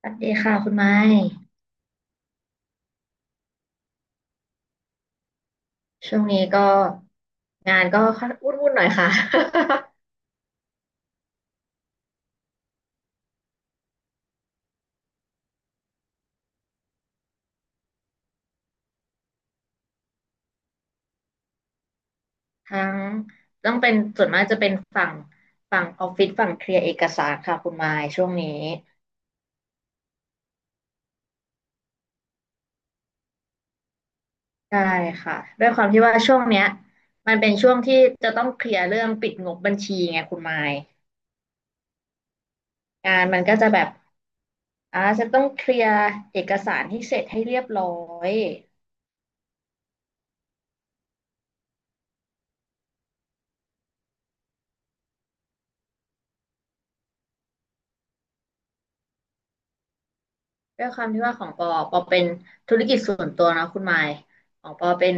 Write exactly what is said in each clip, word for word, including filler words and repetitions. สวัสดีค่ะคุณไม้ช่วงนี้ก็งานก็วุ่นวุ่นหน่อยค่ะ ทั้งต้องเป็นส่วนมากจะเป็นฝั่งฝั่งออฟฟิศฝั่งเคลียร์เอกสารค่ะคุณไม้ช่วงนี้ใช่ค่ะด้วยความที่ว่าช่วงเนี้ยมันเป็นช่วงที่จะต้องเคลียร์เรื่องปิดงบบัญชีไงคุณไม้งานมันก็จะแบบอ่าจะต้องเคลียร์เอกสารให้เสร็จให้เรียบร้อย ด้วยความที่ว่าของปอปอเป็นธุรกิจส่วนตัวนะคุณไมค์ของปอเป็น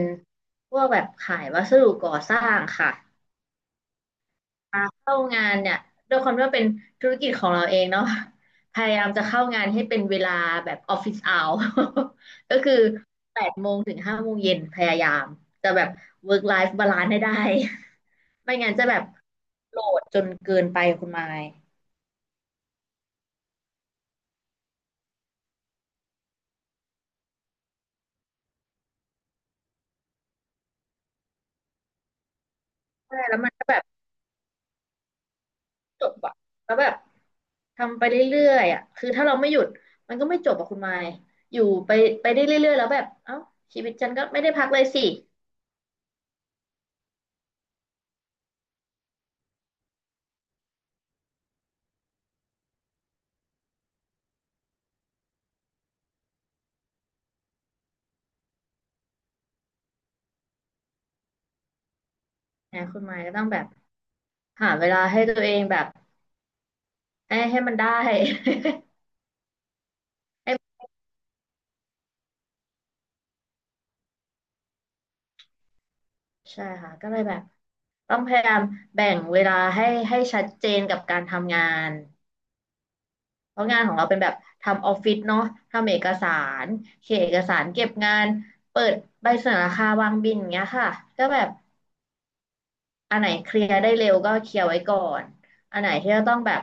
พวกแบบขายวัสดุก่อสร้างค่ะมาเข้างานเนี่ยด้วยความที่ว่าเป็นธุรกิจของเราเองเนาะพยายามจะเข้างานให้เป็นเวลาแบบออฟฟิศเอา ก็คือแปดโมงถึงห้าโมงเย็นพยายามจะแบบ work life balance ให้ได้ ไม่งั้นจะแบบโหลดจนเกินไปคุณไมค์ใช่แล้วมันก็แบบ จบอะแล้วแบบทำไปเรื่อยๆอะคือถ้าเราไม่หยุดมันก็ไม่จบอะคุณไมค์อยู่ไปไปได้เรื่อยๆแล้วแบบเอ้าชีวิตฉันก็ไม่ได้พักเลยสินะคุณไมค์ก็ต้องแบบหาเวลาให้ตัวเองแบบให้ให้มันได้ ให้ใช่ค่ะก็เลยแบบต้องพยายามแบ่งเวลาให้ให้ชัดเจนกับการทำงานเพราะงานของเราเป็นแบบทำออฟฟิศเนาะทำเอกสารเขียนเอกสารเก็บงานเปิดใบเสนอราคาวางบินอย่างเงี้ยค่ะก็แบบ อันไหนเคลียร์ได้เร็วก็เคลียร์ไว้ก่อนอันไหนที่เราต้องแบบ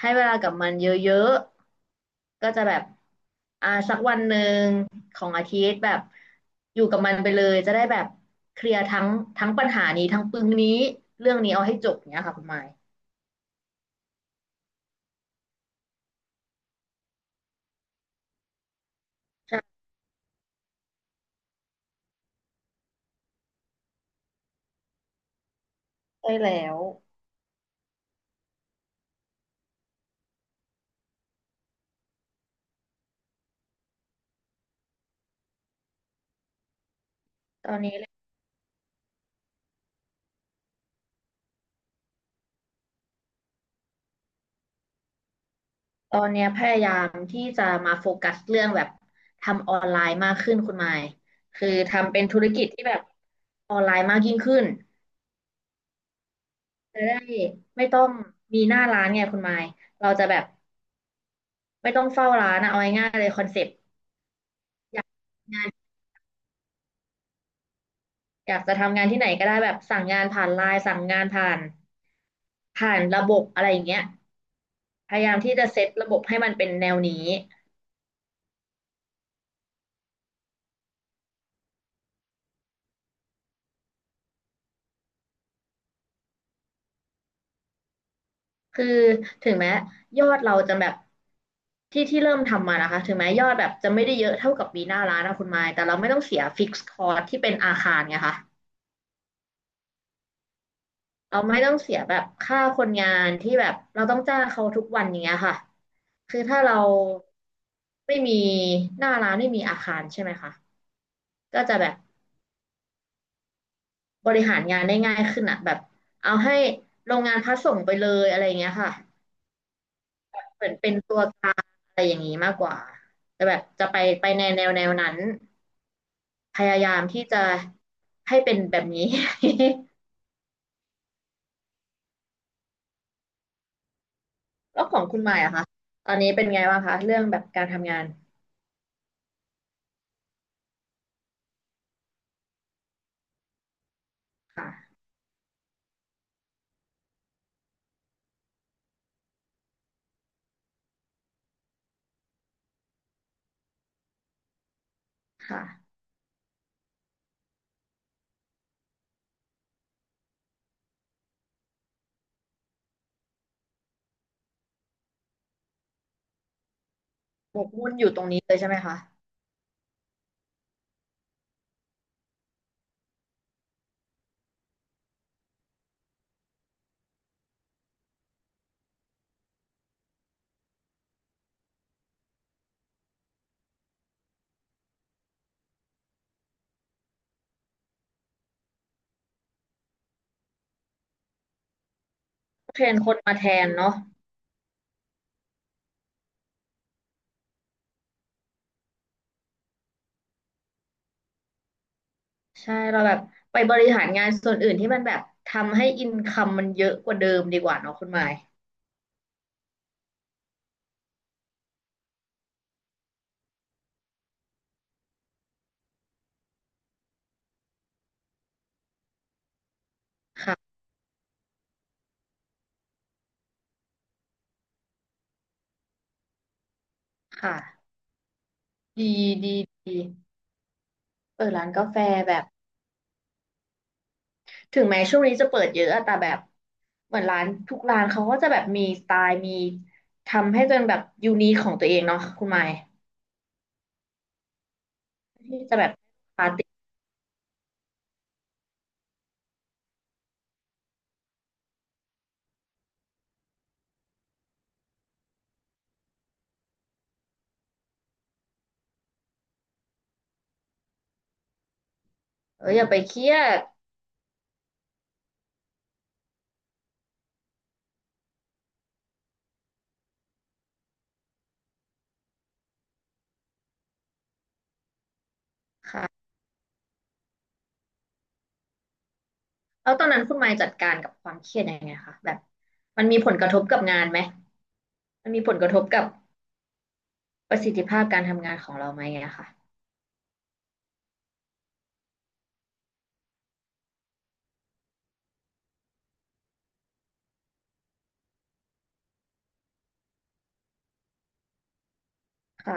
ให้เวลากับมันเยอะๆก็จะแบบอ่าสักวันหนึ่งของอาทิตย์แบบอยู่กับมันไปเลยจะได้แบบเคลียร์ทั้งทั้งปัญหานี้ทั้งปึงนี้เรื่องนี้เอาให้จบเนี้ยค่ะคุณหมายใช่ใช่แล้วตอนนี้ตอนเนี้ยพยายามที่จะมาโฟกัสเรื่องแบบทำออนไลน์มากขึ้นคุณหมายคือทำเป็นธุรกิจที่แบบออนไลน์มากยิ่งขึ้น จะได้ไม่ต้องมีหน้าร้านไงคุณไมค์เราจะแบบไม่ต้องเฝ้าร้านอะเอาง่ายๆเลยคอนเซ็ปต์งานอยากจะทำงานที่ไหนก็ได้แบบสั่งงานผ่านไลน์สั่งงานผ่านผ่านระบบอะไรอย่างเงี้ยพยายามที่จะเซตระบบให้มันเป็นแนวนี้คือถึงแม้ยอดเราจะแบบที่ที่เริ่มทำมานะคะถึงแม้ยอดแบบจะไม่ได้เยอะเท่ากับปีหน้าร้านนะคุณไมค์แต่เราไม่ต้องเสียฟิกซ์คอร์สที่เป็นอาคารไงคะ เราไม่ต้องเสียแบบค่าคนงานที่แบบเราต้องจ้างเขาทุกวันอย่างเงี้ยค่ะคือถ้าเราไม่มีหน้าร้านไม่มีอาคารใช่ไหมคะก็จะแบบบริหารงานได้ง่ายขึ้นอะแบบเอาให้โรงงานพัสส่งไปเลยอะไรอย่างเงี้ยค่ะเหมือนเป็นตัวกลางอะไรอย่างนี้มากกว่าแต่แบบจะไปไปในแนวแนวนั้นพยายามที่จะให้เป็นแบบนี้ แล้วของคุณหมายอะคะตอนนี้เป็นไงบ้างคะเรื่องแบบการทำงานค่ะค่ะ หมกมุ่นอยู่ตรงนี้เลยใช่ไหมคะเทรนคนมาแทนเนาะใช่เราแบบไปบริหารงานส่วนอื่นที่มันแบบทำให้อินคัมมันเยอะกว่าเดิมดีกว่าเนาะคุณหมายค่ะค่ะดีดีดีเออร้านกาแฟแบบถึงแม้ช่วงนี้จะเปิดเยอะอะแต่แบบเหมือนร้านทุกร้านเขาก็จะแบบมีสไตล์มีทำให้เป็นแบบยูนิคของตัวเองเนาะคุณหมายที่จะแบบปาร์ตี้เอออย่าไปเครียดค่ะ แล้วตอนนั้นคุณไมค์จัดการกับความเครียดยังไงคะแบบมันมีผลกระทบกับงานไหมมันมีผลกระทบกับประสิทธิภาพการทำงานของเราไหมอะค่ะค่ะ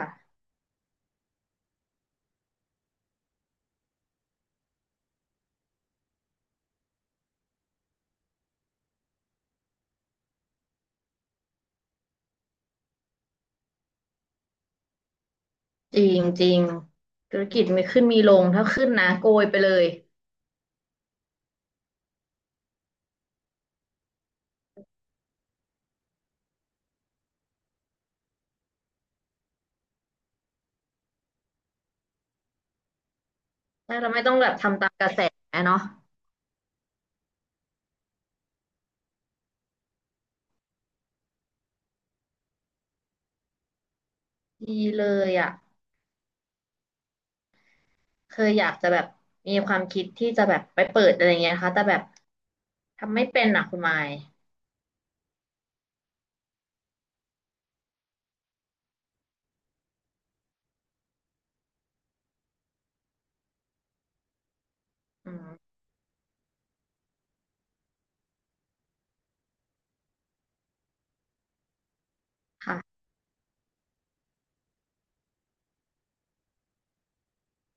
จริงจริงธุรกิจมีขึ้นมีลงถ้าขึ้นนะโกยไปเลยถ้าเราไม่ต้องแบบทำตามกระแสเนาะดีเลยอะเคยอยากจะแบบมีความคิดที่จะแบบไปเปิดอะไรเงี้ยนะคะแต่แบบทำไม่เป็นอะคุณไมค์อืมค่ะ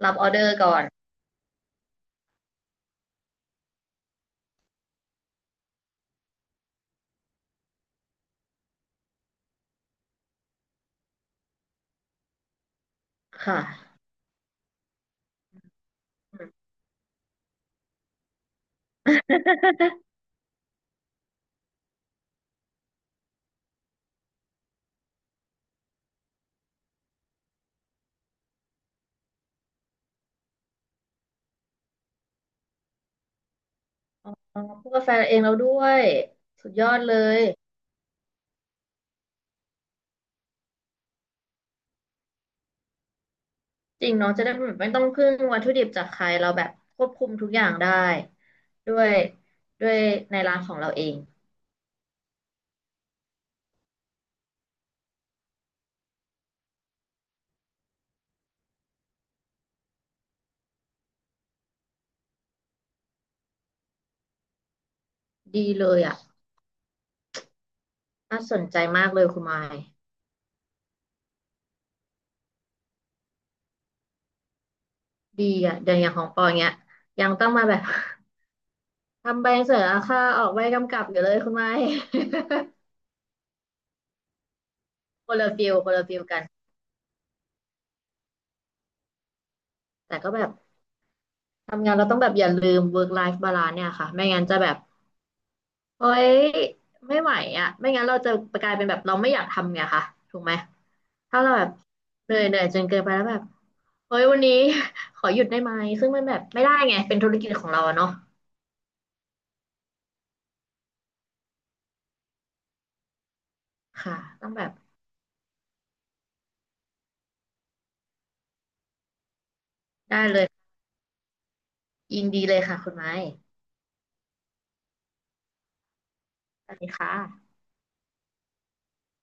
รับออเดอร์ก่อนค่ะอืมอ๋อพูดกาแฟเองแล้วด้วยสุดยอดเลย จริงเนาะจะได้แบบไม่ต้องพึ่งวัตถุดิบจากใครเราแบบควบคุมทุกอย่างได้ด้วยด้วยในร้านของเราเองดีเลยอ่ะน่าสนใจมากเลยคุณไมค์ดีอ่ะเดี๋ยวอย่างของปอเนี้ยยังต้องมาแบบ ทำใบเสนอราคาออกใบกำกับอยู่เลยคุณไมค์ คนละฟิลคนละฟิลกันแต่ก็แบบทำงานเราต้องแบบอย่าลืม work life balance เนี่ยค่ะไม่งั้นจะแบบ เฮ้ยไม่ไหวอ่ะไม่งั้นเราจะกลายเป็นแบบเราไม่อยากทำไงคะถูกไหมถ้าเราแบบเหนื่อยเหนื่อยจนเกินไปแล้วแบบเฮ้ยวันนี้ ขอหยุดได้ไหมซึ่งมันแบบไม่ได้ไงเป็นธุรกิจของเราอะเนาะค่ะต้องแบบได้เลยยินดีเลยค่ะคุณไม้สวัสดีค่ะ